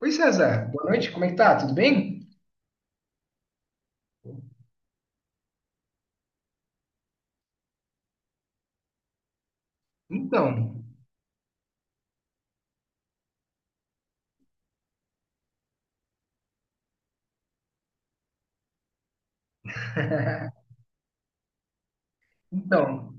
Oi, César. Boa noite. Como é que tá? Tudo bem? Então, então,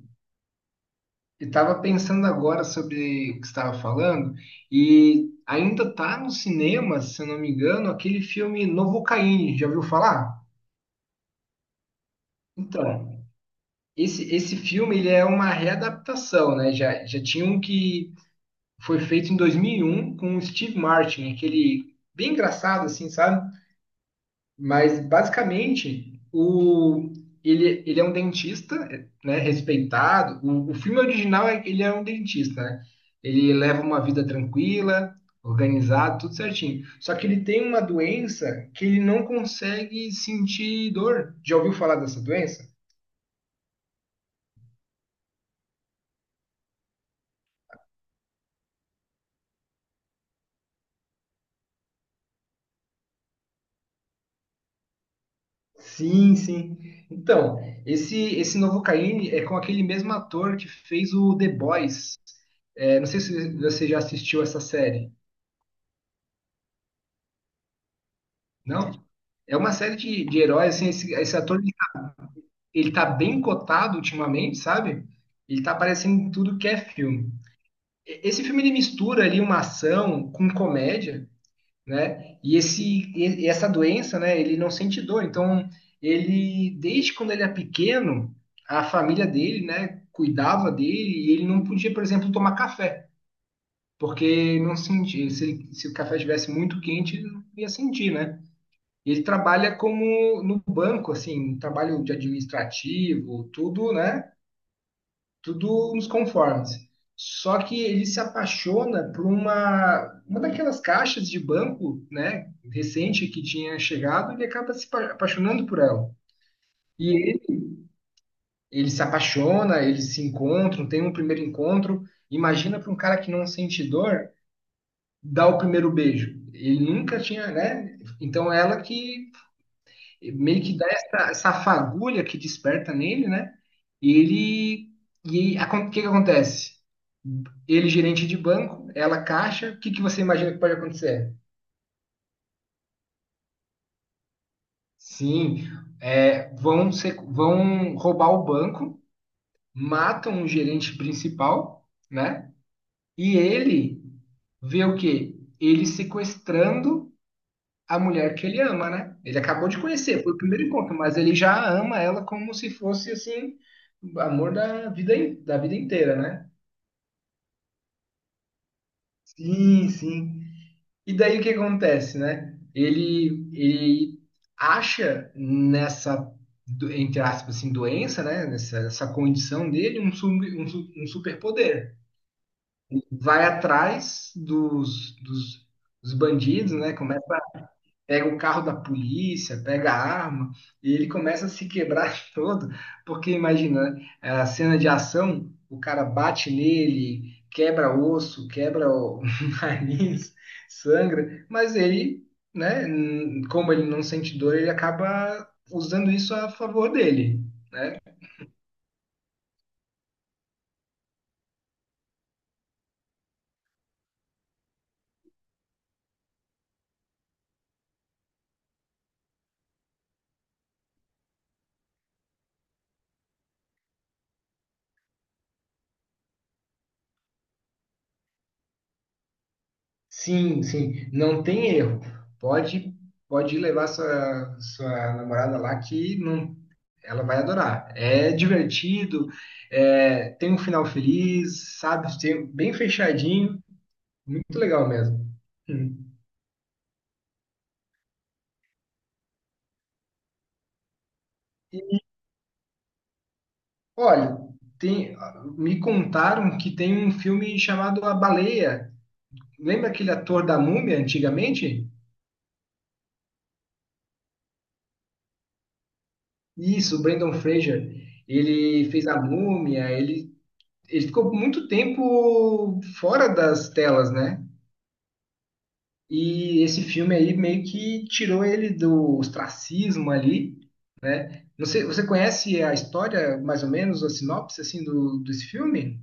eu tava pensando agora sobre o que você estava falando e ainda tá no cinema, se eu não me engano, aquele filme Novocaine. Já ouviu falar? Então, esse filme ele é uma readaptação, né? Já tinha um que foi feito em 2001 com o Steve Martin, aquele bem engraçado, assim, sabe? Mas basicamente ele é um dentista, né, respeitado. O filme original é que ele é um dentista, né? Ele leva uma vida tranquila, organizada, tudo certinho. Só que ele tem uma doença que ele não consegue sentir dor. Já ouviu falar dessa doença? Sim, sim. Então, esse novo Caine é com aquele mesmo ator que fez o The Boys. É, não sei se você já assistiu essa série. Não. É uma série de heróis, assim, esse ator, ele tá bem cotado ultimamente, sabe? Ele tá aparecendo em tudo que é filme. Esse filme, ele mistura ali uma ação com comédia, né? E essa doença, né, ele não sente dor. Então, ele, desde quando ele é pequeno, a família dele, né, cuidava dele e ele não podia, por exemplo, tomar café. Porque não sentia, se o café estivesse muito quente, ele não ia sentir, né? Ele trabalha como no banco, assim, um trabalho de administrativo, tudo, né? Tudo nos conformes. Só que ele se apaixona por uma daquelas caixas de banco, né? Recente que tinha chegado, ele acaba se apa- apaixonando por ela. E ele, ele se apaixona, eles se encontram, tem um primeiro encontro. Imagina para um cara que não sente dor dar o primeiro beijo. Ele nunca tinha, né? Então ela que meio que dá essa fagulha que desperta nele, né? E ele. E aí, o que que acontece? Ele é gerente de banco, ela é caixa, o que que você imagina que pode acontecer? Sim, é, vão, ser, vão roubar o banco, matam o gerente principal, né? E ele vê o quê? Ele sequestrando a mulher que ele ama, né? Ele acabou de conhecer, foi o primeiro encontro, mas ele já ama ela como se fosse assim, o amor da vida, da vida inteira, né? Sim, sim. E daí o que acontece, né? Ele acha nessa, entre aspas, assim, doença, né? Nessa condição dele, um superpoder. Vai atrás dos bandidos, né? Começa pega o carro da polícia, pega a arma, e ele começa a se quebrar todo, porque imagina, né, a cena de ação, o cara bate nele, quebra osso, quebra o nariz, sangra, mas ele, como ele não sente dor, ele acaba usando isso a favor dele. Sim, sim, não tem erro. Pode, pode levar sua namorada lá que não, ela vai adorar. É divertido, é, tem um final feliz, sabe? Tem- bem fechadinho, muito legal mesmo. Hum. Olha, tem, me contaram que tem um filme chamado A Baleia. Lembra aquele ator da Múmia antigamente? Isso, o Brendan Fraser. Ele fez a Múmia, ele ficou muito tempo fora das telas, né? E esse filme aí meio que tirou ele do ostracismo ali. Não sei, você conhece a história, mais ou menos, a sinopse assim, desse filme?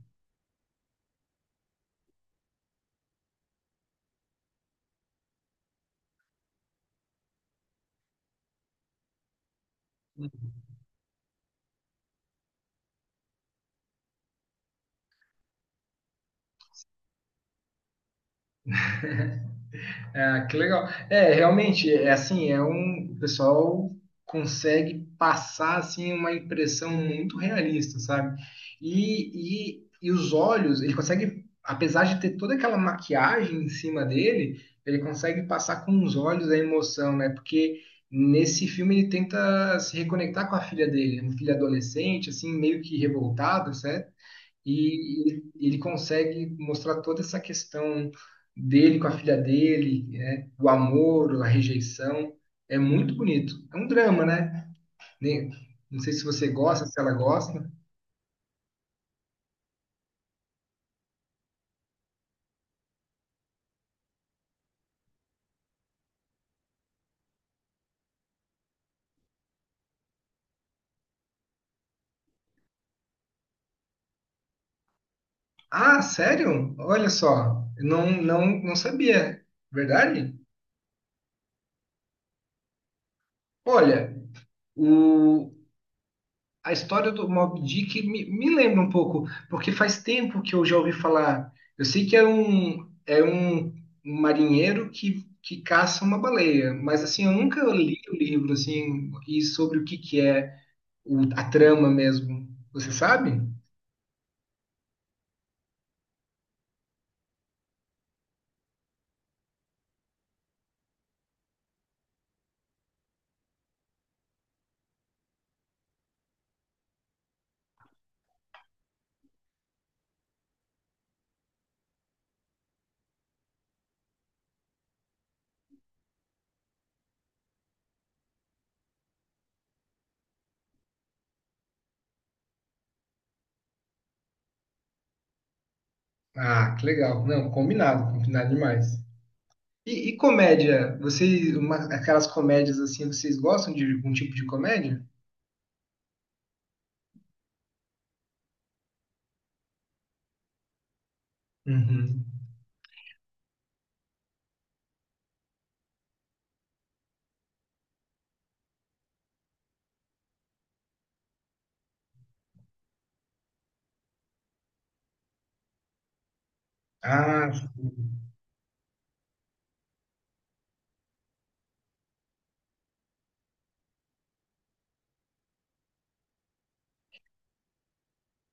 Ah, que legal. É, realmente, é assim, é um, o pessoal consegue passar assim uma impressão muito realista, sabe? E, e os olhos, ele consegue, apesar de ter toda aquela maquiagem em cima dele, ele consegue passar com os olhos a emoção, né? Porque nesse filme ele tenta se reconectar com a filha dele, uma filha adolescente, assim, meio que revoltada, e ele consegue mostrar toda essa questão dele com a filha dele, né? O amor, a rejeição. É muito bonito. É um drama, né? Nem- Não sei se você gosta, se ela gosta. Ah, sério? Olha só, eu não sabia. Verdade? Olha, o, a história do Mob Dick me lembra um pouco, porque faz tempo que eu já ouvi falar. Eu sei que é é um marinheiro que caça uma baleia, mas assim, eu nunca li o livro assim, e sobre o que, que é a trama mesmo. Você sabe? Ah, que legal. Não, combinado demais. E comédia? Vocês, aquelas comédias assim, vocês gostam de algum tipo de comédia? Uhum. Ah, sim.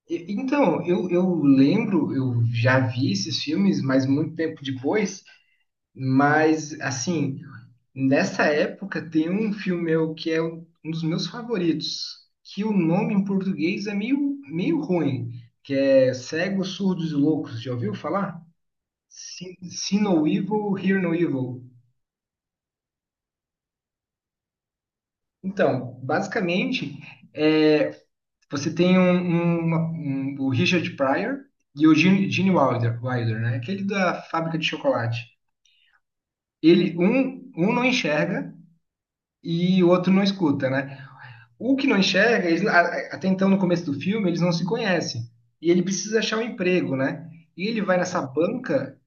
Então, eu lembro, eu já vi esses filmes, mas muito tempo depois. Mas, assim, nessa época tem um filme meu que é um dos meus favoritos, que o nome em português é meio ruim, que é Cegos, Surdos e Loucos. Já ouviu falar? See No Evil, Hear No Evil. Então, basicamente, é, você tem o Richard Pryor e o Gene Wilder, né? Aquele da fábrica de chocolate. Ele, um não enxerga e o outro não escuta, né? O que não enxerga, até então no começo do filme, eles não se conhecem. E ele precisa achar um emprego, né? E ele vai nessa banca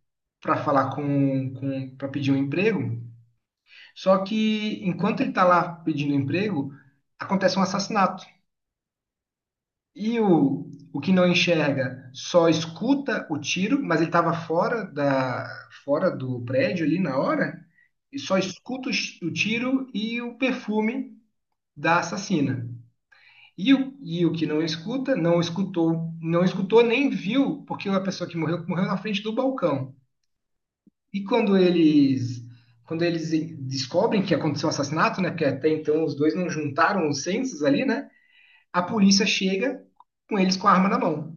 para falar para pedir um emprego. Só que enquanto ele está lá pedindo emprego, acontece um assassinato. E o que não enxerga só escuta o tiro, mas ele estava fora fora do prédio ali na hora, e só escuta o, o tiro e o perfume da assassina. E o que não escuta, não escutou nem viu, porque a pessoa que morreu, morreu na frente do balcão. E quando eles descobrem que aconteceu o assassinato, né, porque até então os dois não juntaram os censos ali, né? A polícia chega com eles com a arma na mão.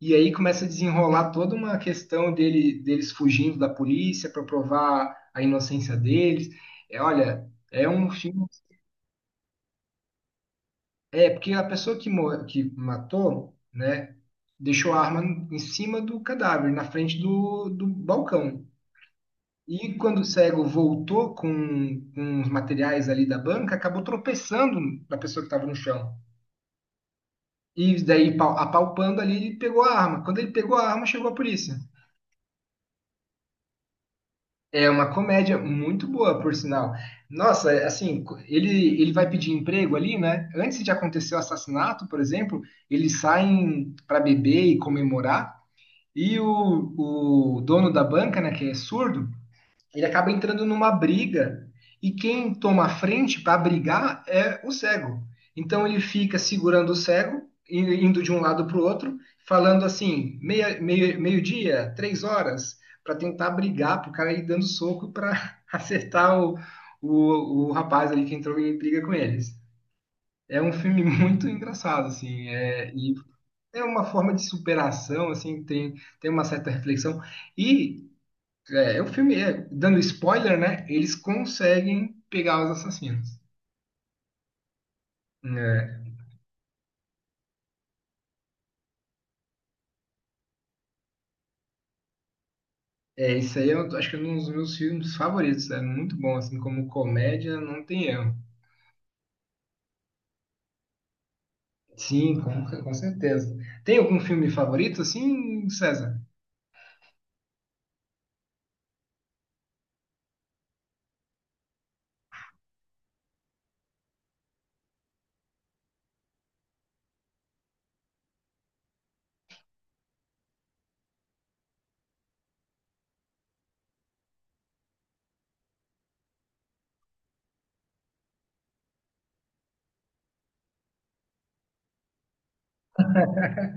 E aí começa a desenrolar toda uma questão deles fugindo da polícia para provar a inocência deles. É, olha, é um filme. É, porque a pessoa que, que matou, né, deixou a arma em cima do cadáver, na frente do, do balcão. E quando o cego voltou com os materiais ali da banca, acabou tropeçando na pessoa que estava no chão. E daí, apalpando ali, ele pegou a arma. Quando ele pegou a arma, chegou a polícia. É uma comédia muito boa, por sinal. Nossa, é, assim, ele vai pedir emprego ali, né? Antes de acontecer o assassinato, por exemplo, eles saem para beber e comemorar. E o dono da banca, né, que é surdo, ele acaba entrando numa briga e quem toma a frente para brigar é o cego. Então ele fica segurando o cego, indo de um lado para o outro, falando assim, meia, meia meio-dia, três horas, para tentar brigar, para o cara ir dando soco para acertar o rapaz ali que entrou em briga com eles. É um filme muito engraçado, assim, é, e é uma forma de superação, assim, tem, tem uma certa reflexão. E é, o filme, é, dando spoiler, né? Eles conseguem pegar os assassinos. É, isso aí eu acho que é um dos meus filmes favoritos. É muito bom, assim, como comédia, não tem erro. Sim, com certeza. Tem algum filme favorito, assim, César?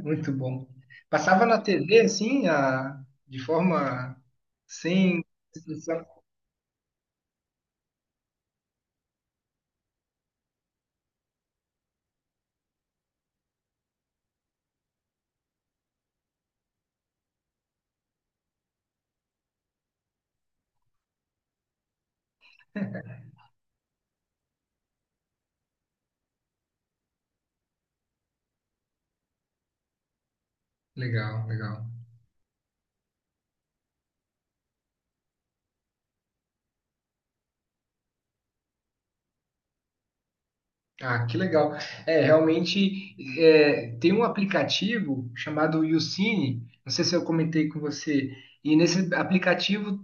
Muito bom. Passava na TV, assim, a, de forma sem. Legal, legal. Ah, que legal. É, realmente é, tem um aplicativo chamado YouCine, não sei se eu comentei com você, e nesse aplicativo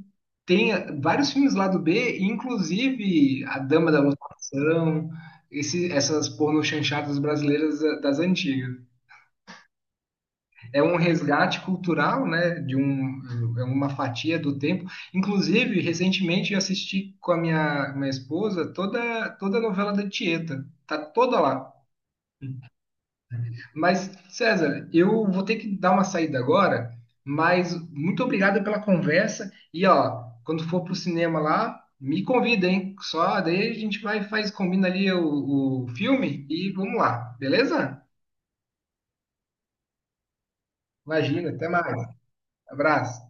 tem vários filmes lá do B, inclusive A Dama da Lotação, esse, essas porno chanchadas brasileiras eh, das antigas. É um resgate cultural, né, de um, é uma fatia do tempo. Inclusive, recentemente eu assisti com minha esposa toda, toda a novela da Tieta, tá toda lá. Mas, César, eu vou ter que dar uma saída agora, mas muito obrigado pela conversa. E ó, quando for pro cinema lá, me convida, hein? Só daí a gente vai, faz, combina ali o filme e vamos lá, beleza? Imagina, até mais. Abraço.